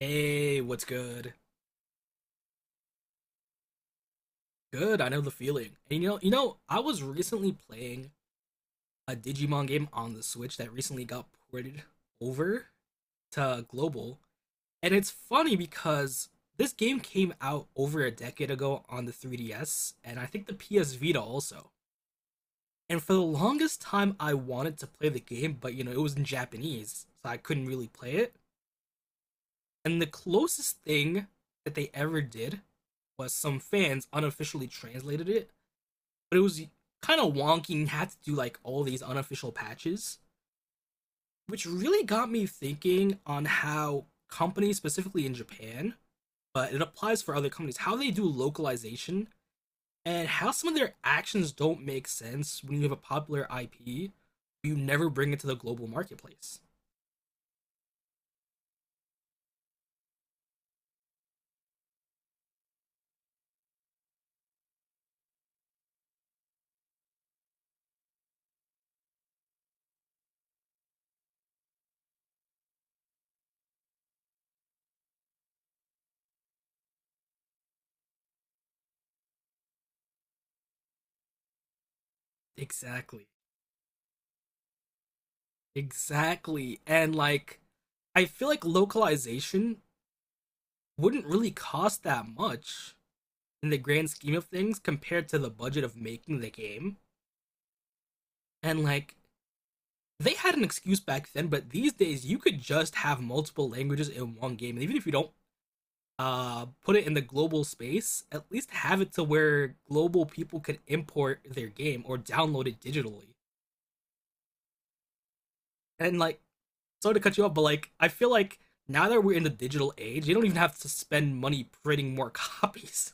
Hey, what's good? Good, I know the feeling. And I was recently playing a Digimon game on the Switch that recently got ported over to global, and it's funny because this game came out over a decade ago on the 3DS and I think the PS Vita also. And for the longest time I wanted to play the game, but it was in Japanese, so I couldn't really play it. And the closest thing that they ever did was some fans unofficially translated it but it was kind of wonky and had to do like all these unofficial patches, which really got me thinking on how companies, specifically in Japan, but it applies for other companies, how they do localization and how some of their actions don't make sense when you have a popular IP, you never bring it to the global marketplace. Exactly. Exactly. And like, I feel like localization wouldn't really cost that much in the grand scheme of things compared to the budget of making the game. And like they had an excuse back then, but these days you could just have multiple languages in one game. And even if you don't put it in the global space, at least have it to where global people could import their game or download it digitally. And like sorry to cut you off, but like I feel like now that we're in the digital age, you don't even have to spend money printing more copies.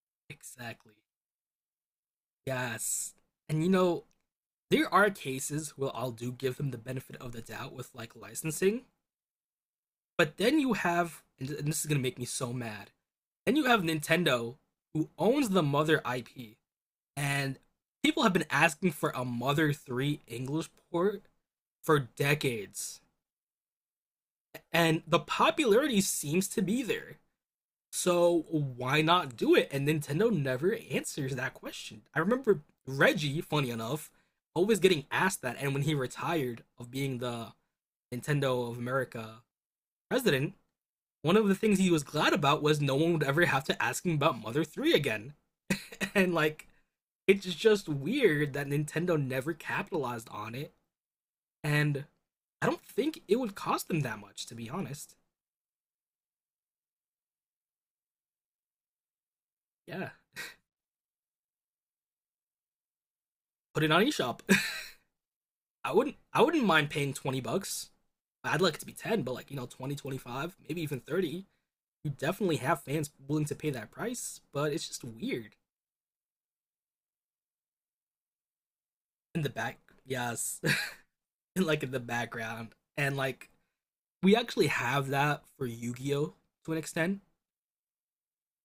Exactly. Yes. And you know, there are cases where I'll do give them the benefit of the doubt with like licensing. But then you have, and this is gonna make me so mad. Then you have Nintendo, who owns the Mother IP, and people have been asking for a Mother 3 English port for decades, and the popularity seems to be there. So why not do it? And Nintendo never answers that question. I remember Reggie, funny enough, always getting asked that, and when he retired of being the Nintendo of America president, one of the things he was glad about was no one would ever have to ask him about Mother 3 again. And like it's just weird that Nintendo never capitalized on it and I don't think it would cost them that much to be honest. Yeah. Put it on eShop. I wouldn't mind paying 20 bucks. I'd like it to be 10, but like, you know, 20, 25, maybe even 30. You definitely have fans willing to pay that price, but it's just weird. In the back, yes, like in the background and like we actually have that for Yu-Gi-Oh to an extent.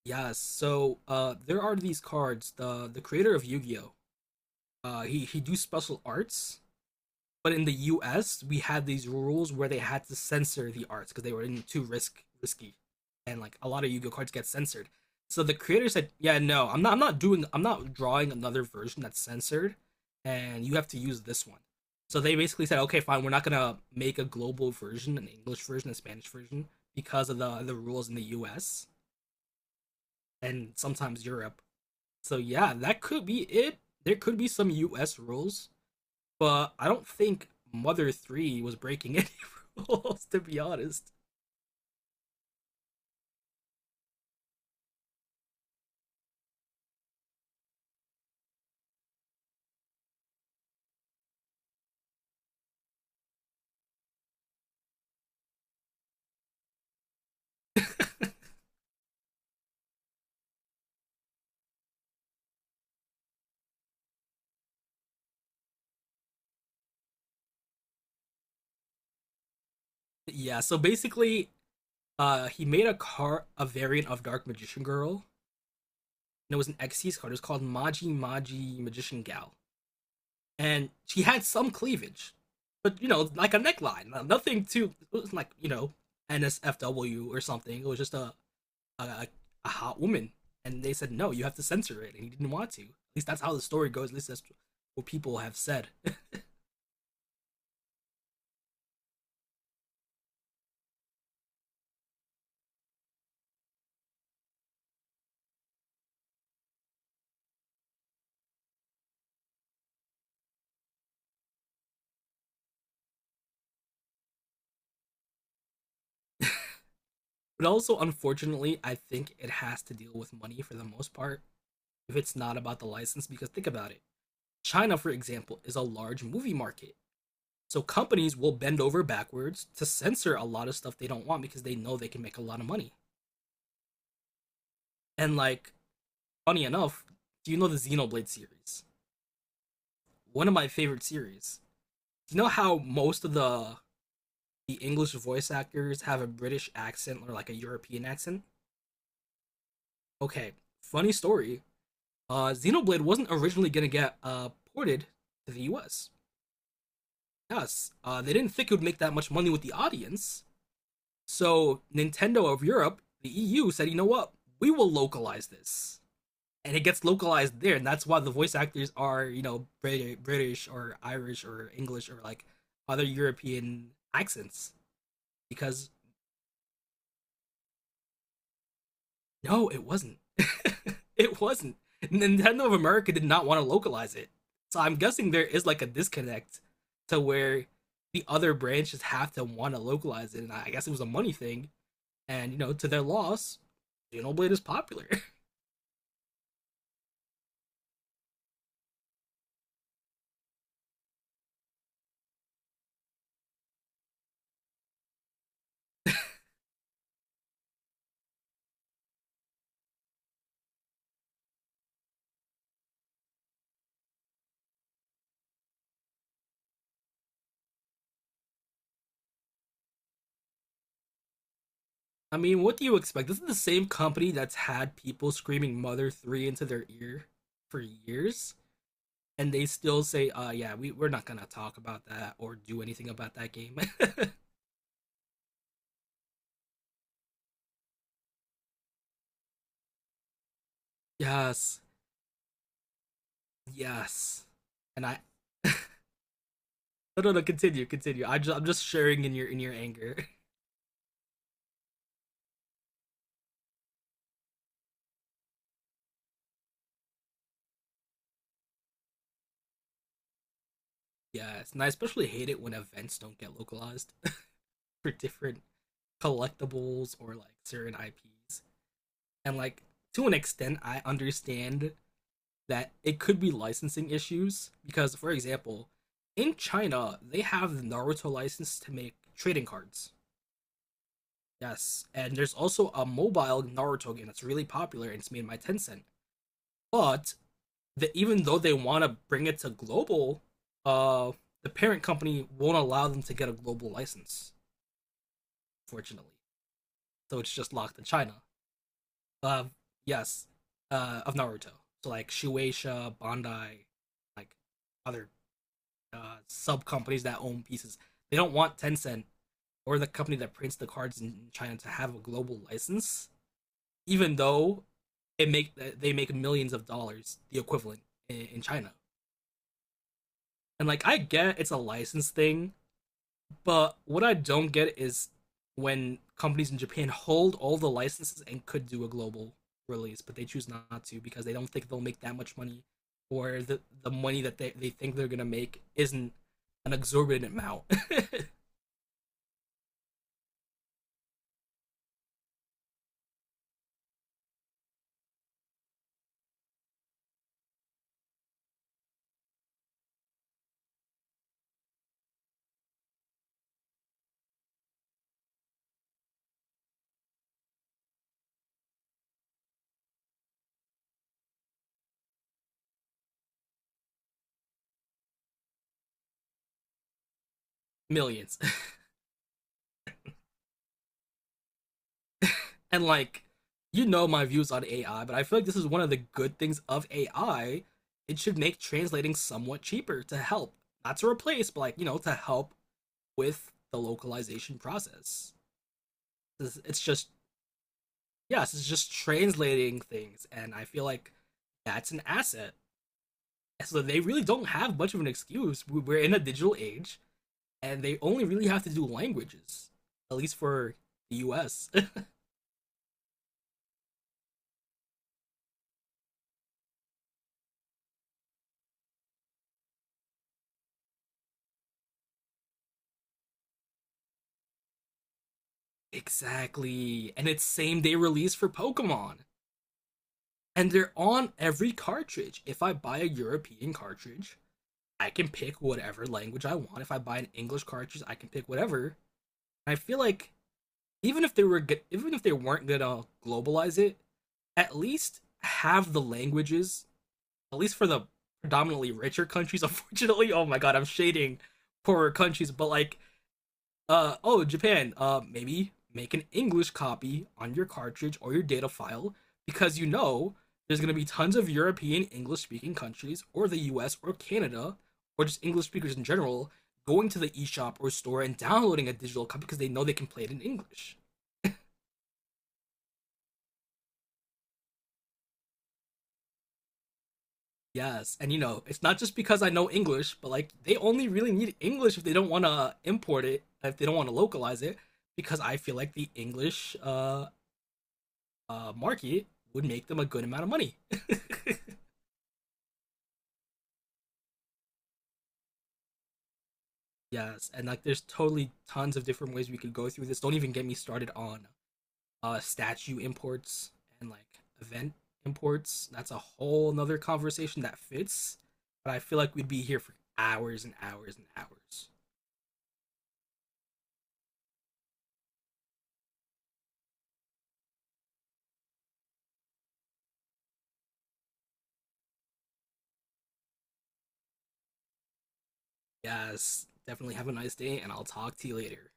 Yes, so there are these cards. The creator of Yu-Gi-Oh, he do special arts but in the U.S., we had these rules where they had to censor the arts because they were too risky, and like a lot of Yu-Gi-Oh cards get censored. So the creator said, "Yeah, no, I'm not. I'm not doing. I'm not drawing another version that's censored, and you have to use this one." So they basically said, "Okay, fine. We're not gonna make a global version, an English version, a Spanish version, because of the rules in the U.S. and sometimes Europe." So yeah, that could be it. There could be some U.S. rules but I don't think Mother 3 was breaking any rules, to be honest. Yeah, so basically, he made a variant of Dark Magician Girl, and it was an X Xyz card. It was called Maji Maji Magician Gal, and she had some cleavage, but you know, like a neckline, nothing too. It was like you know, NSFW or something. It was just a, a hot woman, and they said no, you have to censor it, and he didn't want to. At least that's how the story goes. At least that's what people have said. But also, unfortunately, I think it has to deal with money for the most part if it's not about the license. Because think about it, China, for example, is a large movie market. So companies will bend over backwards to censor a lot of stuff they don't want because they know they can make a lot of money. And, like, funny enough, do you know the Xenoblade series? One of my favorite series. Do you know how most of the English voice actors have a British accent or like a European accent? Okay, funny story. Xenoblade wasn't originally gonna get ported to the US. Yes, they didn't think it would make that much money with the audience. So Nintendo of Europe, the EU, said, you know what? We will localize this, and it gets localized there, and that's why the voice actors are, you know, British or Irish or English or like other European accents because No, it wasn't. it wasn't. Nintendo of America did not want to localize it. So I'm guessing there is like a disconnect to where the other branches have to want to localize it. And I guess it was a money thing. And, you know, to their loss, Xenoblade is popular. I mean, what do you expect? This is the same company that's had people screaming Mother 3 into their ear for years. And they still say, yeah, we're not going to talk about that or do anything about that game. Yes. Yes. And I No no, continue, continue. I just I'm just sharing in your anger. Yes. And I especially hate it when events don't get localized for different collectibles or like certain IPs. And like to an extent I understand that it could be licensing issues because for example, in China they have the Naruto license to make trading cards. Yes. And there's also a mobile Naruto game that's really popular and it's made by Tencent. But that even though they want to bring it to global, uh, the parent company won't allow them to get a global license, fortunately. So it's just locked in China. Uh, yes, of Naruto. So like Shueisha, Bandai, like other sub companies that own pieces. They don't want Tencent or the company that prints the cards in China to have a global license, even though it make they make millions of dollars, the equivalent in China. And like I get it's a license thing, but what I don't get is when companies in Japan hold all the licenses and could do a global release, but they choose not to because they don't think they'll make that much money, or the money that they think they're gonna make isn't an exorbitant amount. Millions. And like, you know my views on AI, but I feel like this is one of the good things of AI. It should make translating somewhat cheaper to help, not to replace, but like you know to help with the localization process. It's just yes, it's just translating things, and I feel like that's an asset. So they really don't have much of an excuse. We- are in a digital age, and they only really have to do languages, at least for the U.S. Exactly, and it's same day release for Pokemon, and they're on every cartridge. If I buy a European cartridge, I can pick whatever language I want. If I buy an English cartridge, I can pick whatever. I feel like even if they were good, even if they weren't gonna globalize it, at least have the languages, at least for the predominantly richer countries. Unfortunately, oh my god, I'm shading poorer countries, but like, oh Japan, maybe make an English copy on your cartridge or your data file because you know there's gonna be tons of European English speaking countries or the U.S. or Canada or just English speakers in general going to the eShop or store and downloading a digital copy because they know they can play it in English. Yes, and you know, it's not just because I know English, but like they only really need English if they don't want to import it, if they don't want to localize it, because I feel like the English market would make them a good amount of money. Yes, and like there's totally tons of different ways we could go through this. Don't even get me started on statue imports and like event imports. That's a whole nother conversation that fits, but I feel like we'd be here for hours and hours and hours. Yes. Definitely have a nice day, and I'll talk to you later.